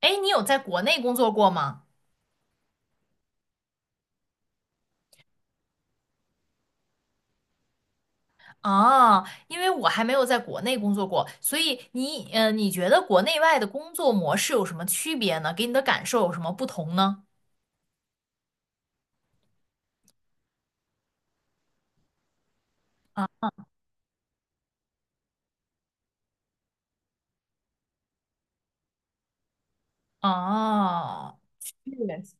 哎，你有在国内工作过吗？啊，因为我还没有在国内工作过，所以你觉得国内外的工作模式有什么区别呢？给你的感受有什么不同呢？哦，Yes.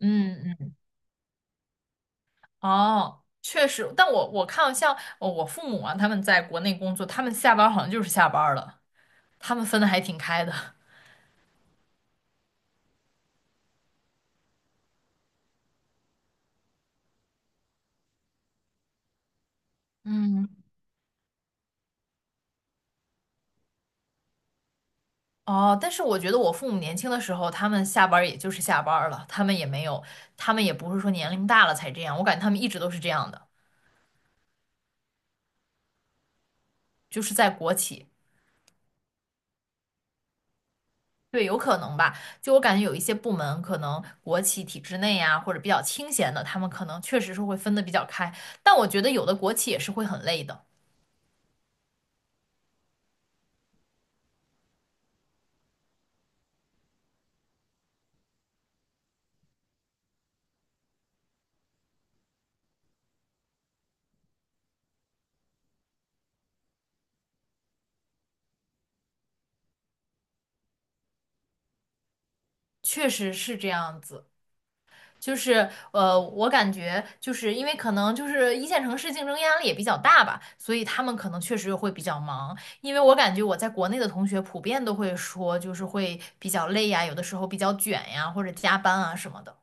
嗯嗯，哦，确实，但我看像我父母啊，他们在国内工作，他们下班儿好像就是下班儿了，他们分的还挺开的。嗯。哦，但是我觉得我父母年轻的时候，他们下班儿也就是下班儿了，他们也没有，他们也不是说年龄大了才这样，我感觉他们一直都是这样的，就是在国企，对，有可能吧。就我感觉有一些部门，可能国企体制内啊，或者比较清闲的，他们可能确实是会分得比较开，但我觉得有的国企也是会很累的，确实是这样子。就是我感觉就是因为可能就是一线城市竞争压力也比较大吧，所以他们可能确实会比较忙。因为我感觉我在国内的同学普遍都会说，就是会比较累呀，有的时候比较卷呀，或者加班啊什么的。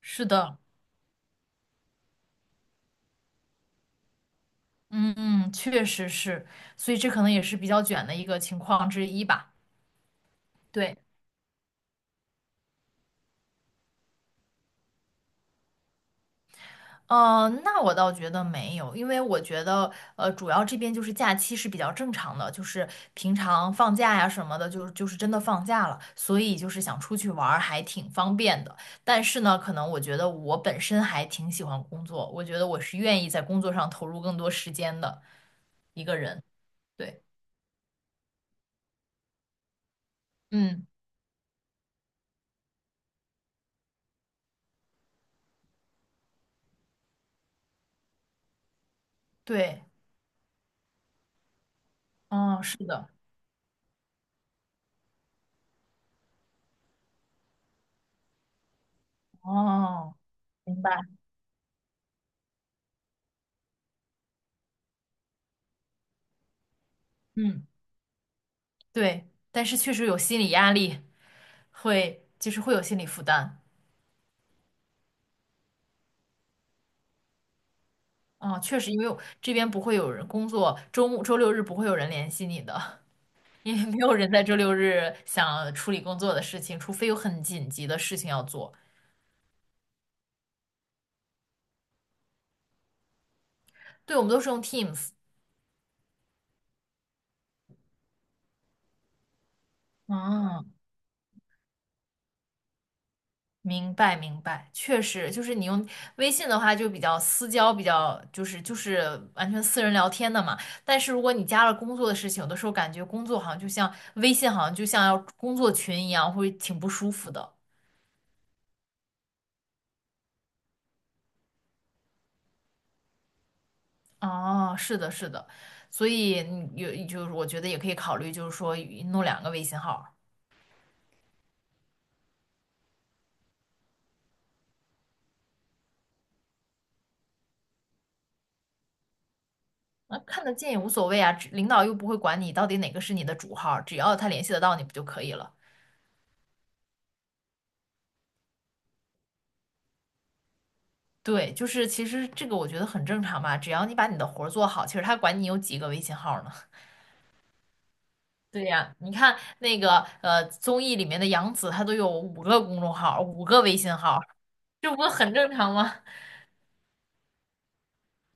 是的，嗯嗯，确实是，所以这可能也是比较卷的一个情况之一吧。对。那我倒觉得没有，因为我觉得，主要这边就是假期是比较正常的，就是平常放假呀什么的，就是真的放假了，所以就是想出去玩儿还挺方便的。但是呢，可能我觉得我本身还挺喜欢工作，我觉得我是愿意在工作上投入更多时间的一个人。对，嗯，对，哦，是的，哦，明白，嗯，对，但是确实有心理压力，会，就是会有心理负担。啊，确实，因为我这边不会有人工作，周末、周六日不会有人联系你的，因为没有人在周六日想处理工作的事情，除非有很紧急的事情要做。对，我们都是用 Teams。嗯，明白明白，确实，就是你用微信的话就比较私交，比较就是完全私人聊天的嘛。但是如果你加了工作的事情，有的时候感觉工作好像就像微信，好像就像要工作群一样，会挺不舒服的。哦，是的，是的，所以你有就是我觉得也可以考虑，就是说弄两个微信号儿，那看得见也无所谓啊，只领导又不会管你到底哪个是你的主号儿，只要他联系得到你不就可以了？对，就是其实这个我觉得很正常嘛，只要你把你的活儿做好，其实他管你有几个微信号儿呢？对呀，你看那个综艺里面的杨紫，她都有五个公众号儿，五个微信号儿，这不很正常吗？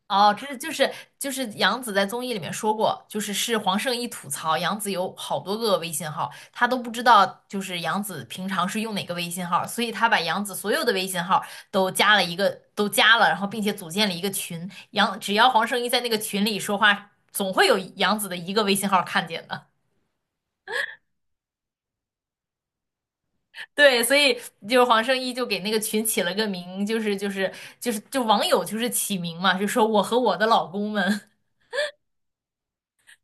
哦，这是就是杨紫在综艺里面说过，就是是黄圣依吐槽杨紫有好多个微信号，她都不知道就是杨紫平常是用哪个微信号，所以她把杨紫所有的微信号都加了一个都加了，然后并且组建了一个群，只要黄圣依在那个群里说话，总会有杨紫的一个微信号看见的。对，所以就是黄圣依就给那个群起了个名，就网友就是起名嘛，就说我和我的老公们。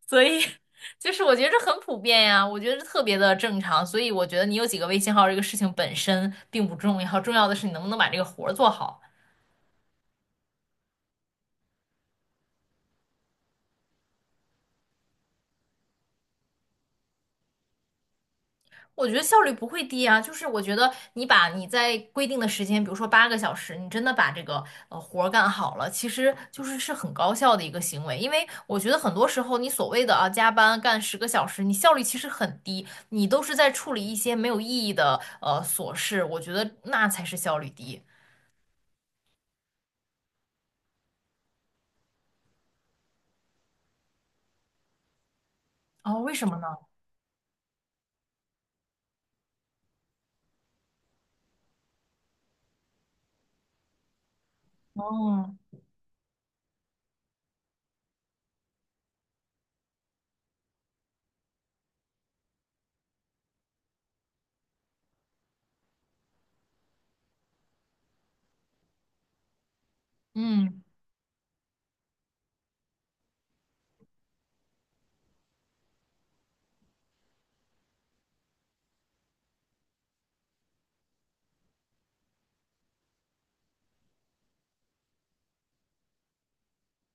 所以就是我觉得这很普遍呀，我觉得这特别的正常。所以我觉得你有几个微信号这个事情本身并不重要，重要的是你能不能把这个活儿做好。我觉得效率不会低啊，就是我觉得你把你在规定的时间，比如说八个小时，你真的把这个活儿干好了，其实就是是很高效的一个行为。因为我觉得很多时候你所谓的啊加班干十个小时，你效率其实很低，你都是在处理一些没有意义的琐事，我觉得那才是效率低。哦，为什么呢？哦，嗯，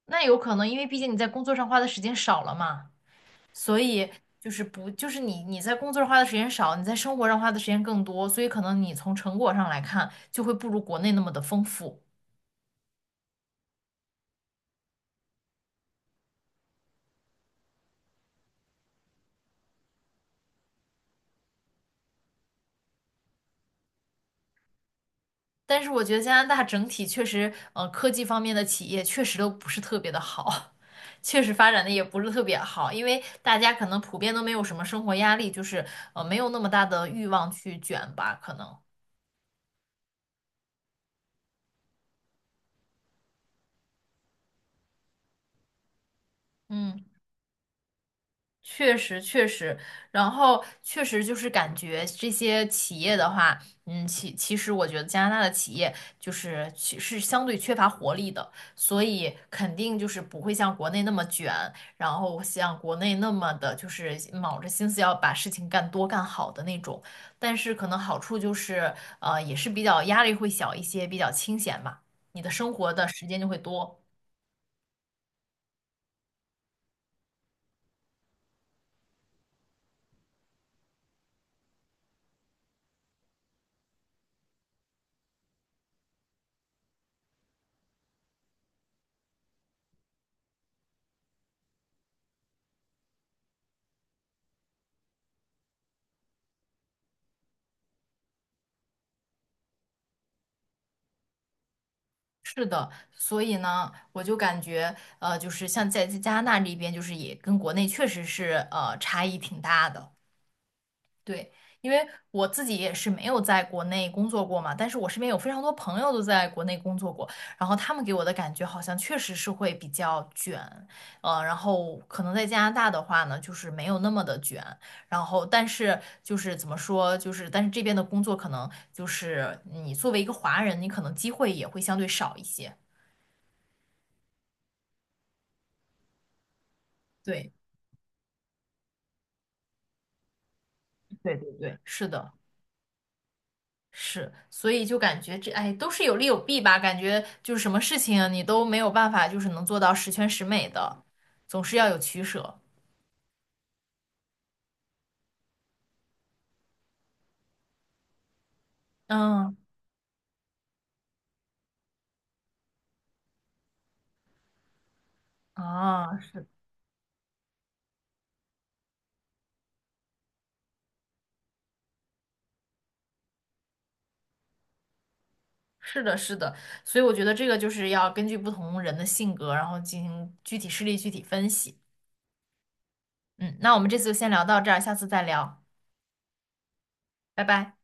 那有可能，因为毕竟你在工作上花的时间少了嘛，所以就是不，就是你在工作上花的时间少，你在生活上花的时间更多，所以可能你从成果上来看就会不如国内那么的丰富。但是我觉得加拿大整体确实，科技方面的企业确实都不是特别的好，确实发展的也不是特别好，因为大家可能普遍都没有什么生活压力，就是没有那么大的欲望去卷吧，可能。嗯。确实，确实，然后确实就是感觉这些企业的话，嗯，其实我觉得加拿大的企业就是其是相对缺乏活力的，所以肯定就是不会像国内那么卷，然后像国内那么的就是卯着心思要把事情干多干好的那种。但是可能好处就是，也是比较压力会小一些，比较清闲嘛，你的生活的时间就会多。是的，所以呢，我就感觉，就是像在加拿大这边，就是也跟国内确实是差异挺大的。对，因为我自己也是没有在国内工作过嘛，但是我身边有非常多朋友都在国内工作过，然后他们给我的感觉好像确实是会比较卷，然后可能在加拿大的话呢，就是没有那么的卷，然后但是就是怎么说，就是但是这边的工作可能就是你作为一个华人，你可能机会也会相对少一些。对对对对，是的，是，所以就感觉这，哎，都是有利有弊吧。感觉就是什么事情你都没有办法，就是能做到十全十美的，总是要有取舍。嗯，啊，是的，是的，所以我觉得这个就是要根据不同人的性格，然后进行具体事例具体分析。嗯，那我们这次就先聊到这儿，下次再聊，拜拜。